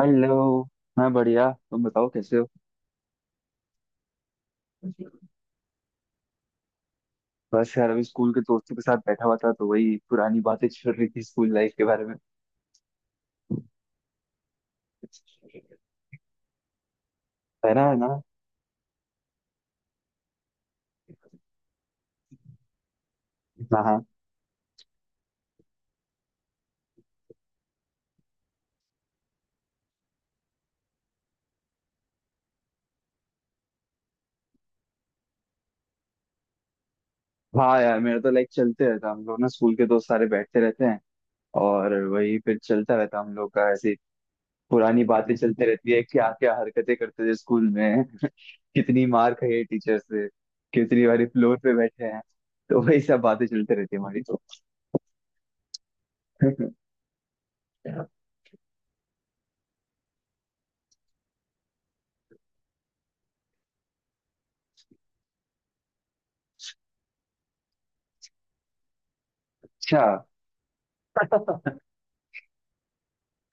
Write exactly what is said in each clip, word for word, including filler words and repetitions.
Hello. मैं बढ़िया, तुम बताओ कैसे हो। बस यार अभी स्कूल के दोस्तों के साथ बैठा हुआ था, तो वही पुरानी बातें चल रही थी स्कूल लाइफ के बारे में। है ना, है ना। हाँ हाँ। हाँ यार मेरा तो लाइक चलते रहता, हम लोग ना स्कूल के दोस्त सारे बैठते रहते हैं। और वही फिर चलता रहता हम लोग का ऐसे। पुरानी बातें चलते रहती है, क्या क्या हरकतें करते थे स्कूल में। कितनी मार खाई है टीचर से, कितनी बारी फ्लोर पे बैठे हैं। तो वही सब बातें चलते रहती है हमारी तो। अच्छा।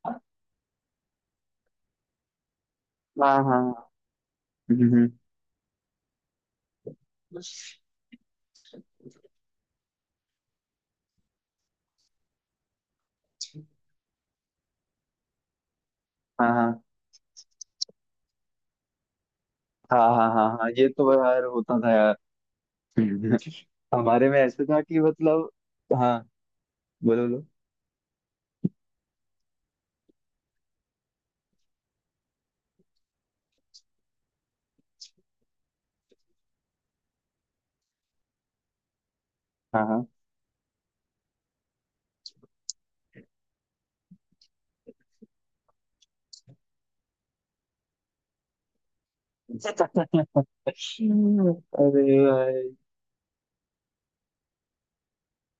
हाँ हाँ। हम्म, हम्म। हाँ हाँ हाँ हाँ। हाँ हाँ, ये तो यार होता था यार। हम्म। हमारे में ऐसे था कि मतलब, हाँ। बोलो बोलो। हाँ हाँ। अरे भाई।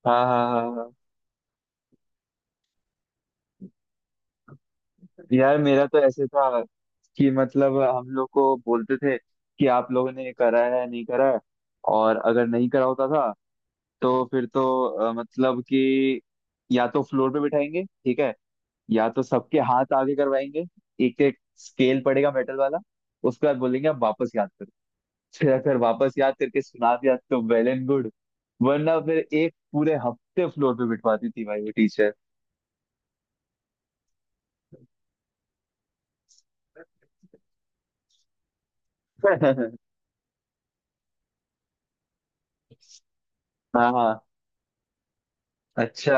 हाँ हाँ हाँ हाँ। यार मेरा तो ऐसे था कि मतलब हम लोग को बोलते थे कि आप लोगों ने करा है नहीं करा है। और अगर नहीं करा होता था तो फिर तो अ, मतलब कि, या तो फ्लोर पे बिठाएंगे ठीक है, या तो सबके हाथ आगे करवाएंगे, एक एक स्केल पड़ेगा मेटल वाला। उसके बाद बोलेंगे अब वापस याद करो। फिर अगर वापस याद करके सुना दिया तो वेल एंड गुड, वरना फिर एक पूरे हफ्ते फ्लोर पे बिठवाती थी भाई वो टीचर। हाँ हाँ। अच्छा।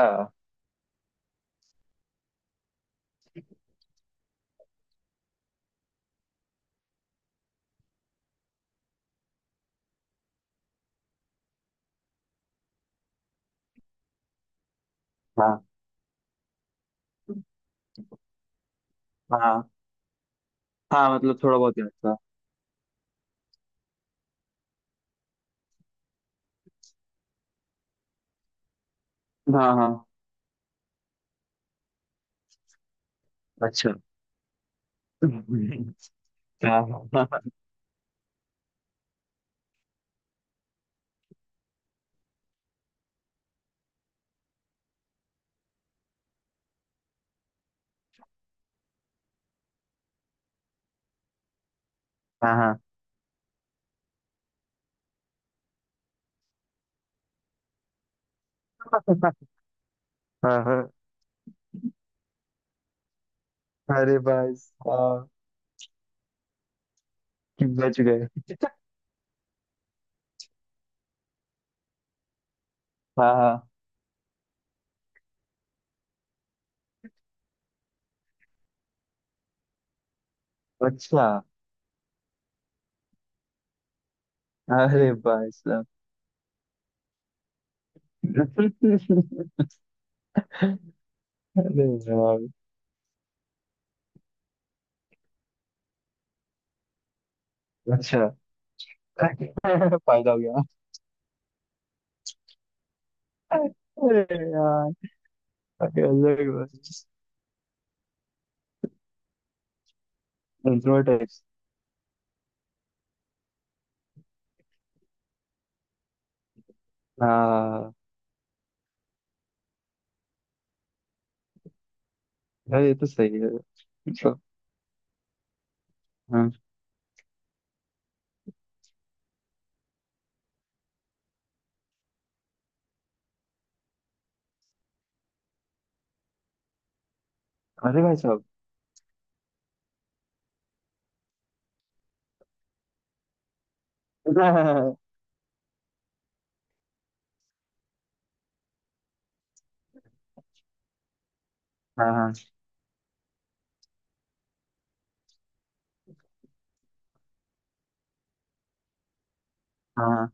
हाँ हाँ हाँ, मतलब थोड़ा बहुत याद था। हाँ हाँ। अच्छा। हाँ हाँ हाँ। हाँ, हाँ। अरे भाई साहब। कि बच गए। हाँ हाँ। अच्छा। अरे भाई साहब। अरे यार। अच्छा। फायदा हो गया। अरे यार। अरे अलग। इंट्रोवर्ट। हाँ यार ये तो सही है। मतलब। हाँ। अरे भाई साहब। हाँ हाँ हाँ।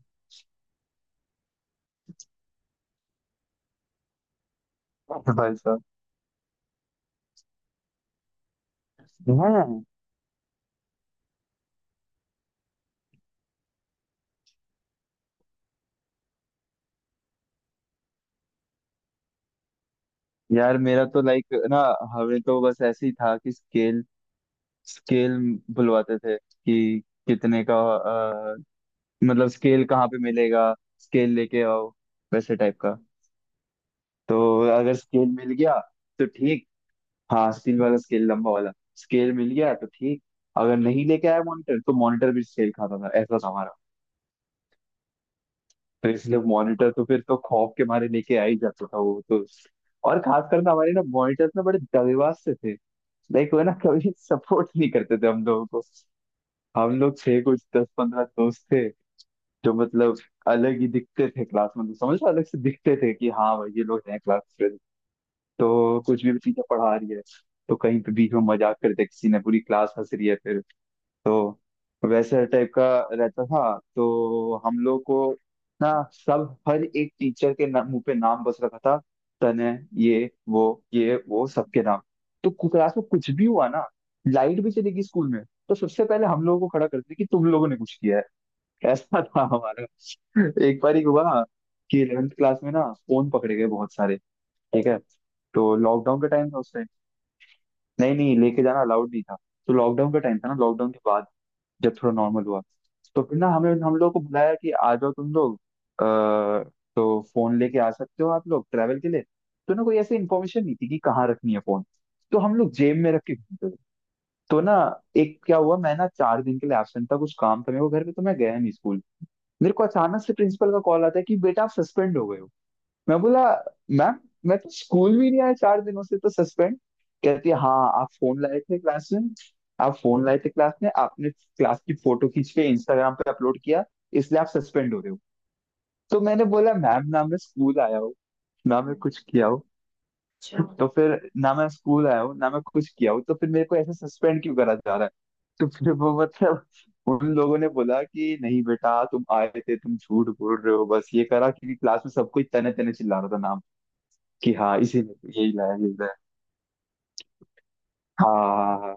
अरे भाई साहब। हाँ यार मेरा तो लाइक ना, हमें तो बस ऐसे ही था कि स्केल स्केल बुलवाते थे कि कितने का अ, मतलब स्केल कहाँ पे मिलेगा, स्केल लेके आओ वैसे टाइप का। तो अगर स्केल मिल गया तो ठीक। हाँ स्टील वाला स्केल लंबा वाला। स्केल मिल गया तो ठीक, अगर नहीं लेके आया मॉनिटर तो मॉनिटर भी स्केल खाता था, ऐसा था हमारा। तो इसलिए मॉनिटर तो फिर तो खौफ के मारे लेके आ ही जाता था वो तो। और खास कर ना, हमारे ना मॉनिटर्स ना बड़े दगेबाज से थे, लाइक वो ना कभी सपोर्ट नहीं करते थे हम लोगों को। हम लोग थे कुछ दस पंद्रह दोस्त थे जो मतलब अलग ही दिखते थे क्लास में, तो समझ लो अलग से दिखते थे कि हाँ भाई ये लोग हैं क्लास। तो कुछ भी चीजें पढ़ा रही है, तो कहीं पे बीच में मजाक कर दिया किसी ने, पूरी क्लास हंस रही है फिर। तो वैसे टाइप का रहता था। तो हम लोग को ना सब हर एक टीचर के ना, मुंह पे नाम बस रखा था, तने, ये वो, ये वो सबके नाम। तो क्लास में कुछ भी हुआ ना, लाइट भी चली गई स्कूल में, तो सबसे पहले हम लोगों को खड़ा करते कि तुम लोगों ने कुछ किया है। ऐसा था हमारा। एक बार ही हुआ कि इलेवेंथ क्लास में ना फोन पकड़े गए बहुत सारे। ठीक है, तो लॉकडाउन का टाइम था उस टाइम। नहीं नहीं, लेके जाना अलाउड नहीं था। तो लॉकडाउन का टाइम था ना, लॉकडाउन के बाद जब थोड़ा नॉर्मल हुआ, तो फिर ना हमें हम लोग को बुलाया कि आ जाओ तुम लोग, आ, तो फोन लेके आ सकते हो आप लोग ट्रैवल के लिए। तो ना कोई ऐसी इन्फॉर्मेशन नहीं थी कि कहाँ रखनी है फोन, तो हम लोग जेब में रख के घूमते थे। तो ना एक क्या हुआ, मैं ना चार दिन के लिए एबसेंट था, कुछ काम था मेरे को घर पे, तो मैं गया नहीं स्कूल। मेरे को अचानक से प्रिंसिपल का कॉल आता है कि बेटा आप सस्पेंड हो गए हो। मैं बोला मैम, मैं तो स्कूल भी नहीं आया चार दिनों से, तो सस्पेंड। कहती है हाँ आप फोन लाए थे क्लास में। आप फोन लाए थे क्लास में, आपने क्लास की फोटो खींच के इंस्टाग्राम पे अपलोड किया, इसलिए आप सस्पेंड हो रहे हो। तो मैंने बोला मैम, ना मैं स्कूल आया हूँ ना मैं कुछ किया हूँ। अच्छा तो फिर ना मैं स्कूल आया हूँ ना मैं कुछ किया हूँ, तो फिर मेरे को ऐसे सस्पेंड क्यों करा जा रहा है। तो फिर वो मतलब उन लोगों ने बोला कि नहीं बेटा तुम आए थे तुम झूठ बोल रहे हो, बस ये करा, क्योंकि क्लास में सब कोई तने तने चिल्ला रहा था कि हाँ इसी ने, यही लाया यही लाया। हाँ हाँ हाँ।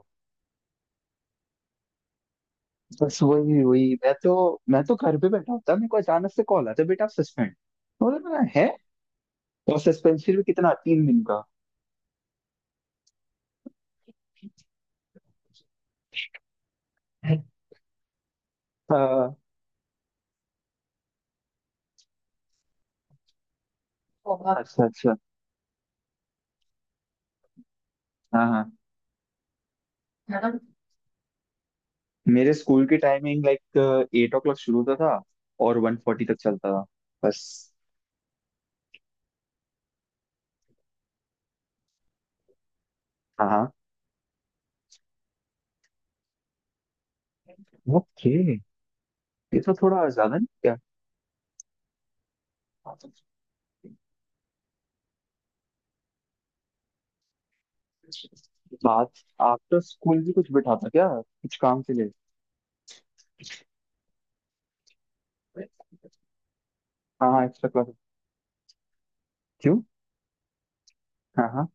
बस वही वही, मैं तो मैं तो घर पे बैठा होता, मेरे को अचानक से कॉल आता बेटा आप सस्पेंड। बोला मैं, है। और सस्पेंशन भी कितना, तीन दिन का। हाँ। अच्छा अच्छा। हाँ हाँ। मेरे स्कूल की timing like eight o'clock शुरू होता था, और वन फोर्टी तक चलता था बस। हाँ हाँ। ओके। ये तो थोड़ा ज्यादा नहीं क्या। बात आफ्टर स्कूल भी कुछ बिठाता क्या कुछ काम के लिए। हाँ हाँ, एक्स्ट्रा क्लास। क्यों। हाँ हाँ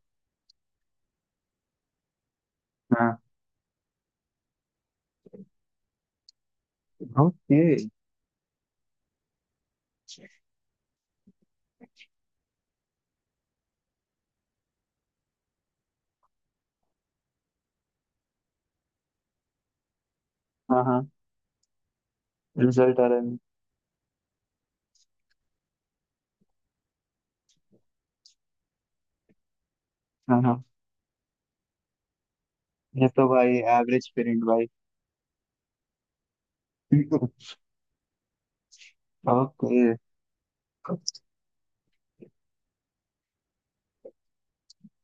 हाँ। ओके। हाँ हाँ, रिजल्ट आ रहा है। हाँ हाँ, ये तो भाई एवरेज पेरेंट भाई। ओके।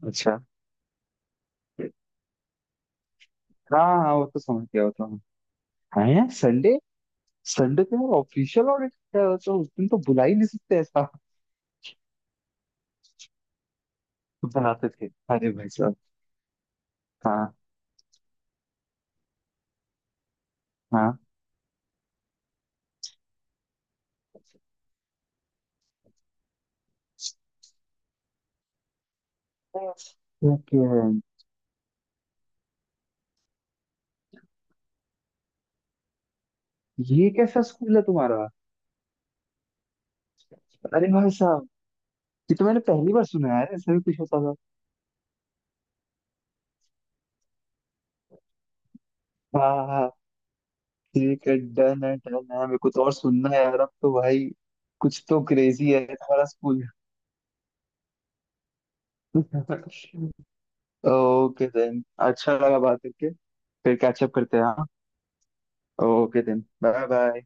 अच्छा। हाँ हाँ वो तो समझ गया वो तो हम। हाँ यार संडे। संडे तो यार ऑफिशियल ऑडिट है, वो तो उस दिन तो बुला ही नहीं सकते ऐसा। बुलाते थे। अरे भाई साहब। हाँ हाँ। ओके। ये कैसा स्कूल है तुम्हारा। अरे भाई साहब। ये तो मैंने पहली बार सुना है यार, ऐसा भी कुछ होता था। हाँ ठीक है, डन है डन है, मेरे को तो और सुनना है यार अब तो भाई। कुछ तो क्रेजी है तुम्हारा स्कूल। ओके देन, अच्छा लगा बात करके। फिर कैचअप करते हैं हाँ। Okay then, bye bye.